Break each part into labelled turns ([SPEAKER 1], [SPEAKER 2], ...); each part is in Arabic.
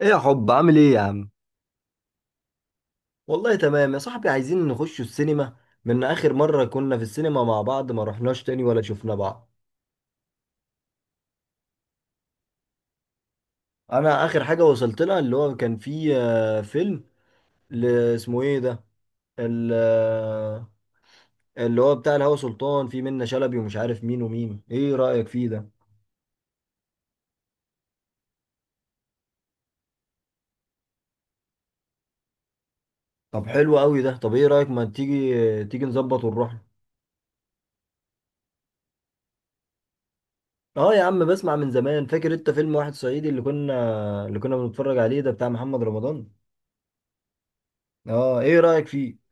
[SPEAKER 1] ايه يا حب، عامل ايه يا عم؟ والله تمام يا صاحبي، عايزين نخش السينما. من اخر مرة كنا في السينما مع بعض ما رحناش تاني ولا شفنا بعض. انا اخر حاجة وصلت لها اللي هو كان فيه فيلم، ل- اسمه ايه ده؟ ال- آه، اللي هو بتاع الهوى سلطان، فيه منة شلبي ومش عارف مين ومين، ايه رأيك فيه ده؟ طب حلو قوي ده. طب ايه رأيك، ما تيجي آه، تيجي نظبط ونروح له؟ اه يا عم، بسمع من زمان. فاكر انت فيلم واحد صعيدي اللي كنا بنتفرج عليه ده بتاع محمد رمضان؟ اه، ايه رأيك فيه؟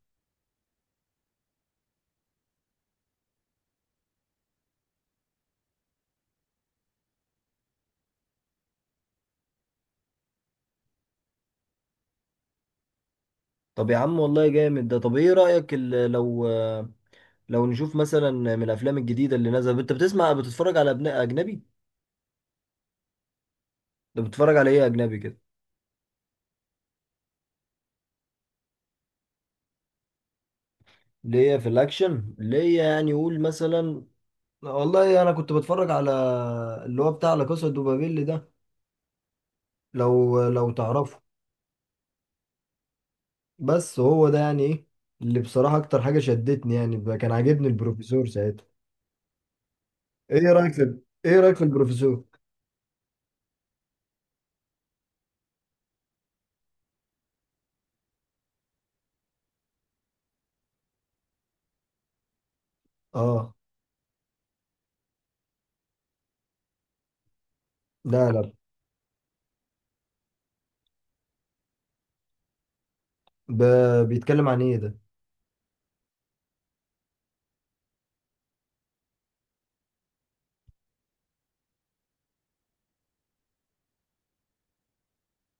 [SPEAKER 1] طب يا عم والله جامد ده. طب ايه رأيك، لو نشوف مثلا من الافلام الجديدة اللي نازلة. انت بتسمع، بتتفرج على اجنبي؟ ده بتتفرج على ايه اجنبي كده؟ اللي هي في الاكشن، اللي هي يعني قول مثلا. والله انا كنت بتفرج على اللي هو بتاع لا كاسا دو بابيل ده، لو تعرفه. بس هو ده يعني ايه اللي بصراحة اكتر حاجة شدتني؟ يعني كان عاجبني البروفيسور ساعتها. ايه رأيك في ايه رأيك في البروفيسور؟ اه. لا لا، ب... بيتكلم عن ايه ده؟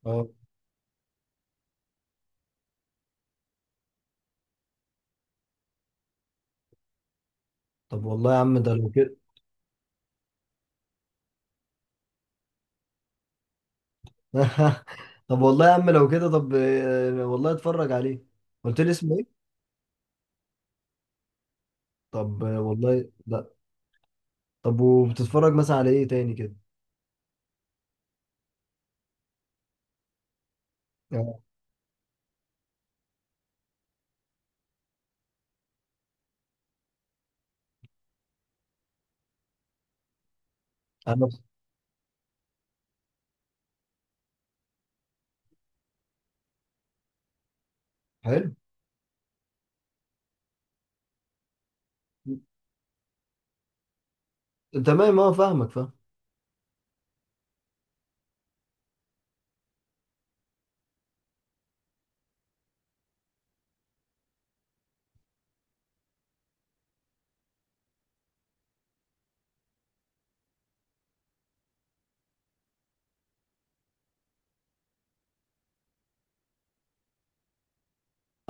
[SPEAKER 1] آه. طب والله يا عم ده لو كده. طب والله يا عم لو كده، طب والله اتفرج عليه. قلت لي اسمه ايه؟ طب والله لا. طب وبتتفرج مثلا على ايه تاني كده؟ آه، انا. حلو. تمام، اه فاهمك، فاهم.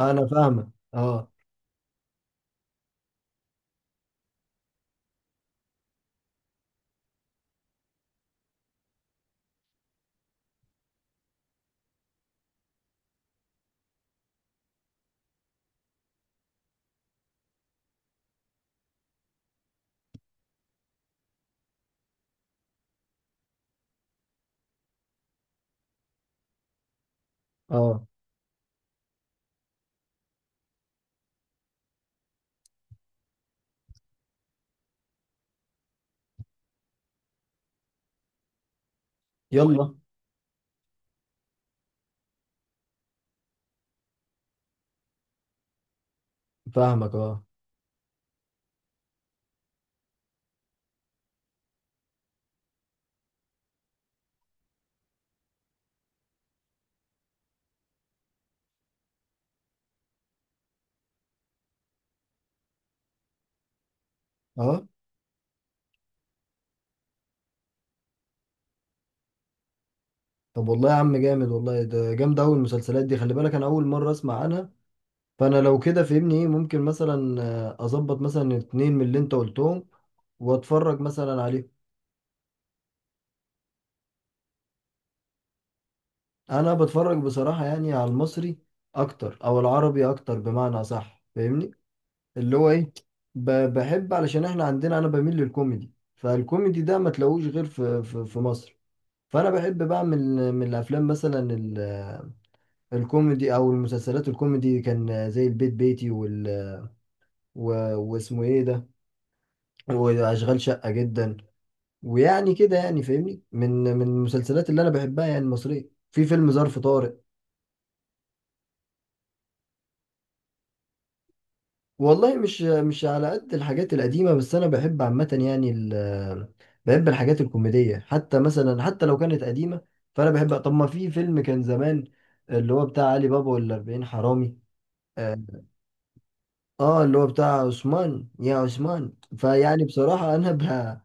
[SPEAKER 1] انا فاهمك، اه. اه، يلا. فاهمك، اه. اه. طب والله يا عم جامد، والله ده جامد. اول المسلسلات دي، خلي بالك انا اول مره اسمع عنها. فانا لو كده فهمني ايه ممكن مثلا اظبط مثلا اتنين من اللي انت قلتهم واتفرج مثلا عليه. انا بتفرج بصراحة يعني على المصري اكتر او العربي اكتر، بمعنى صح فاهمني؟ اللي هو ايه، بحب علشان احنا عندنا، انا بميل للكوميدي، فالكوميدي ده ما تلاقوش غير في مصر. فانا بحب بقى من الافلام مثلا الكوميدي او المسلسلات الكوميدي، كان زي البيت بيتي، وال، واسمه ايه ده، واشغال شقة جدا، ويعني كده، يعني فاهمني، من المسلسلات اللي انا بحبها يعني المصرية، في فيلم ظرف طارق. والله مش على قد الحاجات القديمة، بس أنا بحب عامة يعني بحب الحاجات الكوميدية، حتى مثلا حتى لو كانت قديمة. فأنا بحب، طب ما في فيلم كان زمان اللي هو بتاع علي بابا والأربعين حرامي، آه، اللي هو بتاع عثمان يا عثمان. فيعني بصراحة أنا ب-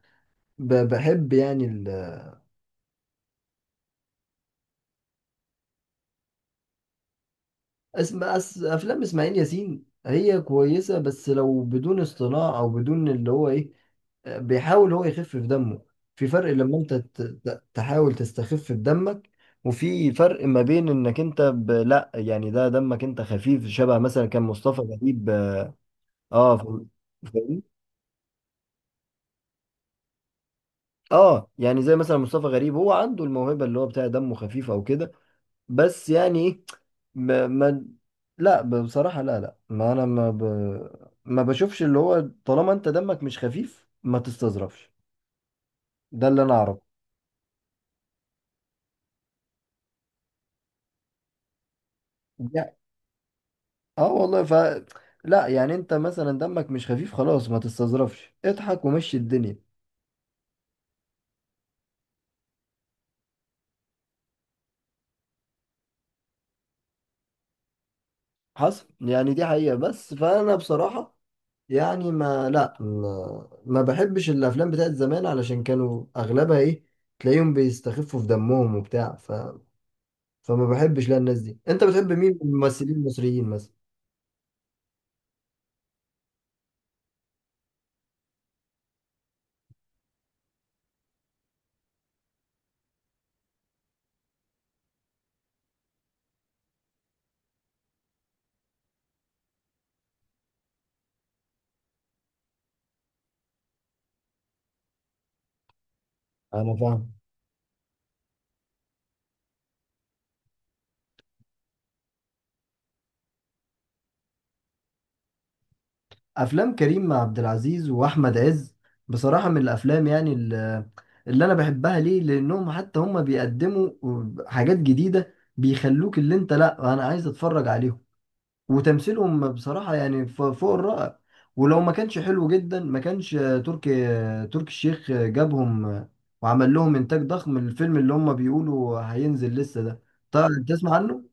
[SPEAKER 1] ب- بحب يعني. افلام اسماعيل ياسين هي كويسه، بس لو بدون اصطناع او بدون اللي هو ايه، بيحاول هو يخفف دمه. في فرق لما انت تحاول تستخف بدمك، وفي فرق ما بين انك انت لا يعني ده دمك انت خفيف، شبه مثلا كان مصطفى غريب. اه. آه، ف... فاهمني؟ اه يعني زي مثلا مصطفى غريب، هو عنده الموهبه، اللي هو بتاع دمه خفيف او كده. بس يعني ايه، ما لا، بصراحة لا لا، ما انا ما ب... ما بشوفش، اللي هو طالما انت دمك مش خفيف ما تستظرفش. ده اللي انا اعرفه. يع- اه والله، لا يعني انت مثلا دمك مش خفيف، خلاص ما تستظرفش، اضحك ومشي الدنيا. حصل، يعني دي حقيقة بس. فانا بصراحة يعني ما لا ما, ما بحبش الافلام بتاعت زمان، علشان كانوا اغلبها ايه، تلاقيهم بيستخفوا في دمهم وبتاع، فما بحبش لا الناس دي. انت بتحب مين من الممثلين المصريين مثلا؟ انا فاهم. افلام كريم مع عبد العزيز واحمد عز بصراحه من الافلام يعني اللي انا بحبها، ليه؟ لانهم حتى هم بيقدموا حاجات جديده، بيخلوك اللي انت لا انا عايز اتفرج عليهم. وتمثيلهم بصراحه يعني فوق الرائع. ولو ما كانش حلو جدا ما كانش تركي تركي الشيخ جابهم، وعمل لهم انتاج ضخم. الفيلم اللي هم بيقولوا هينزل لسه ده، طيب تسمع عنه؟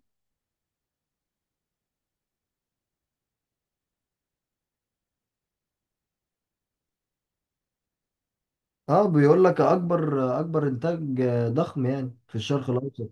[SPEAKER 1] اه بيقول لك اكبر انتاج ضخم يعني في الشرق الاوسط.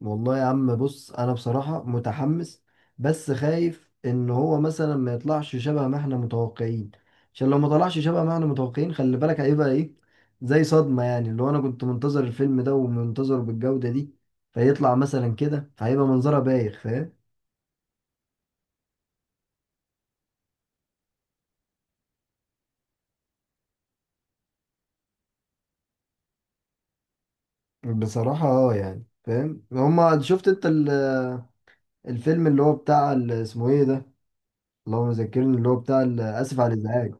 [SPEAKER 1] والله يا عم بص، انا بصراحة متحمس، بس خايف ان هو مثلا ما يطلعش شبه ما احنا متوقعين. عشان لو ما طلعش شبه ما احنا متوقعين، خلي بالك هيبقى ايه، زي صدمة يعني. اللي هو انا كنت منتظر الفيلم ده ومنتظره بالجودة دي، فيطلع مثلا كده، فهيبقى منظرها بايخ، فاهم؟ بصراحة اه يعني فاهم. هما، شفت انت الفيلم اللي هو بتاع اسمه ايه ده، اللهم ذكرني، اللي هو بتاع اسف على الازعاج؟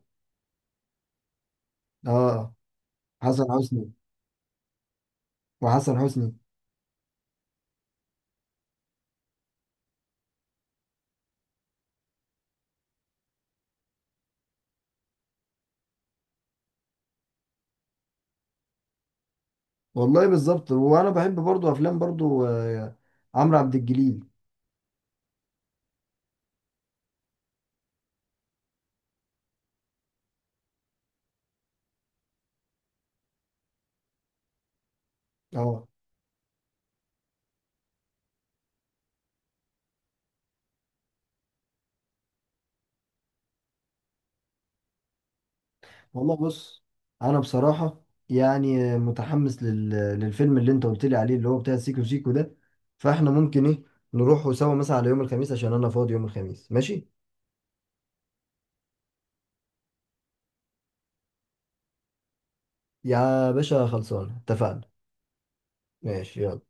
[SPEAKER 1] اه. حسن حسني وحسن حسني والله بالظبط. وانا بحب برضو افلام برضو عمرو عبد الجليل. اه والله بص، انا بصراحه يعني متحمس للفيلم اللي انت قلت لي عليه، اللي هو بتاع سيكو سيكو ده. فاحنا ممكن ايه، نروحوا سوا مثلا على يوم الخميس، عشان انا فاضي يوم الخميس، ماشي؟ يا باشا خلصان، اتفقنا. ماشي، يلا.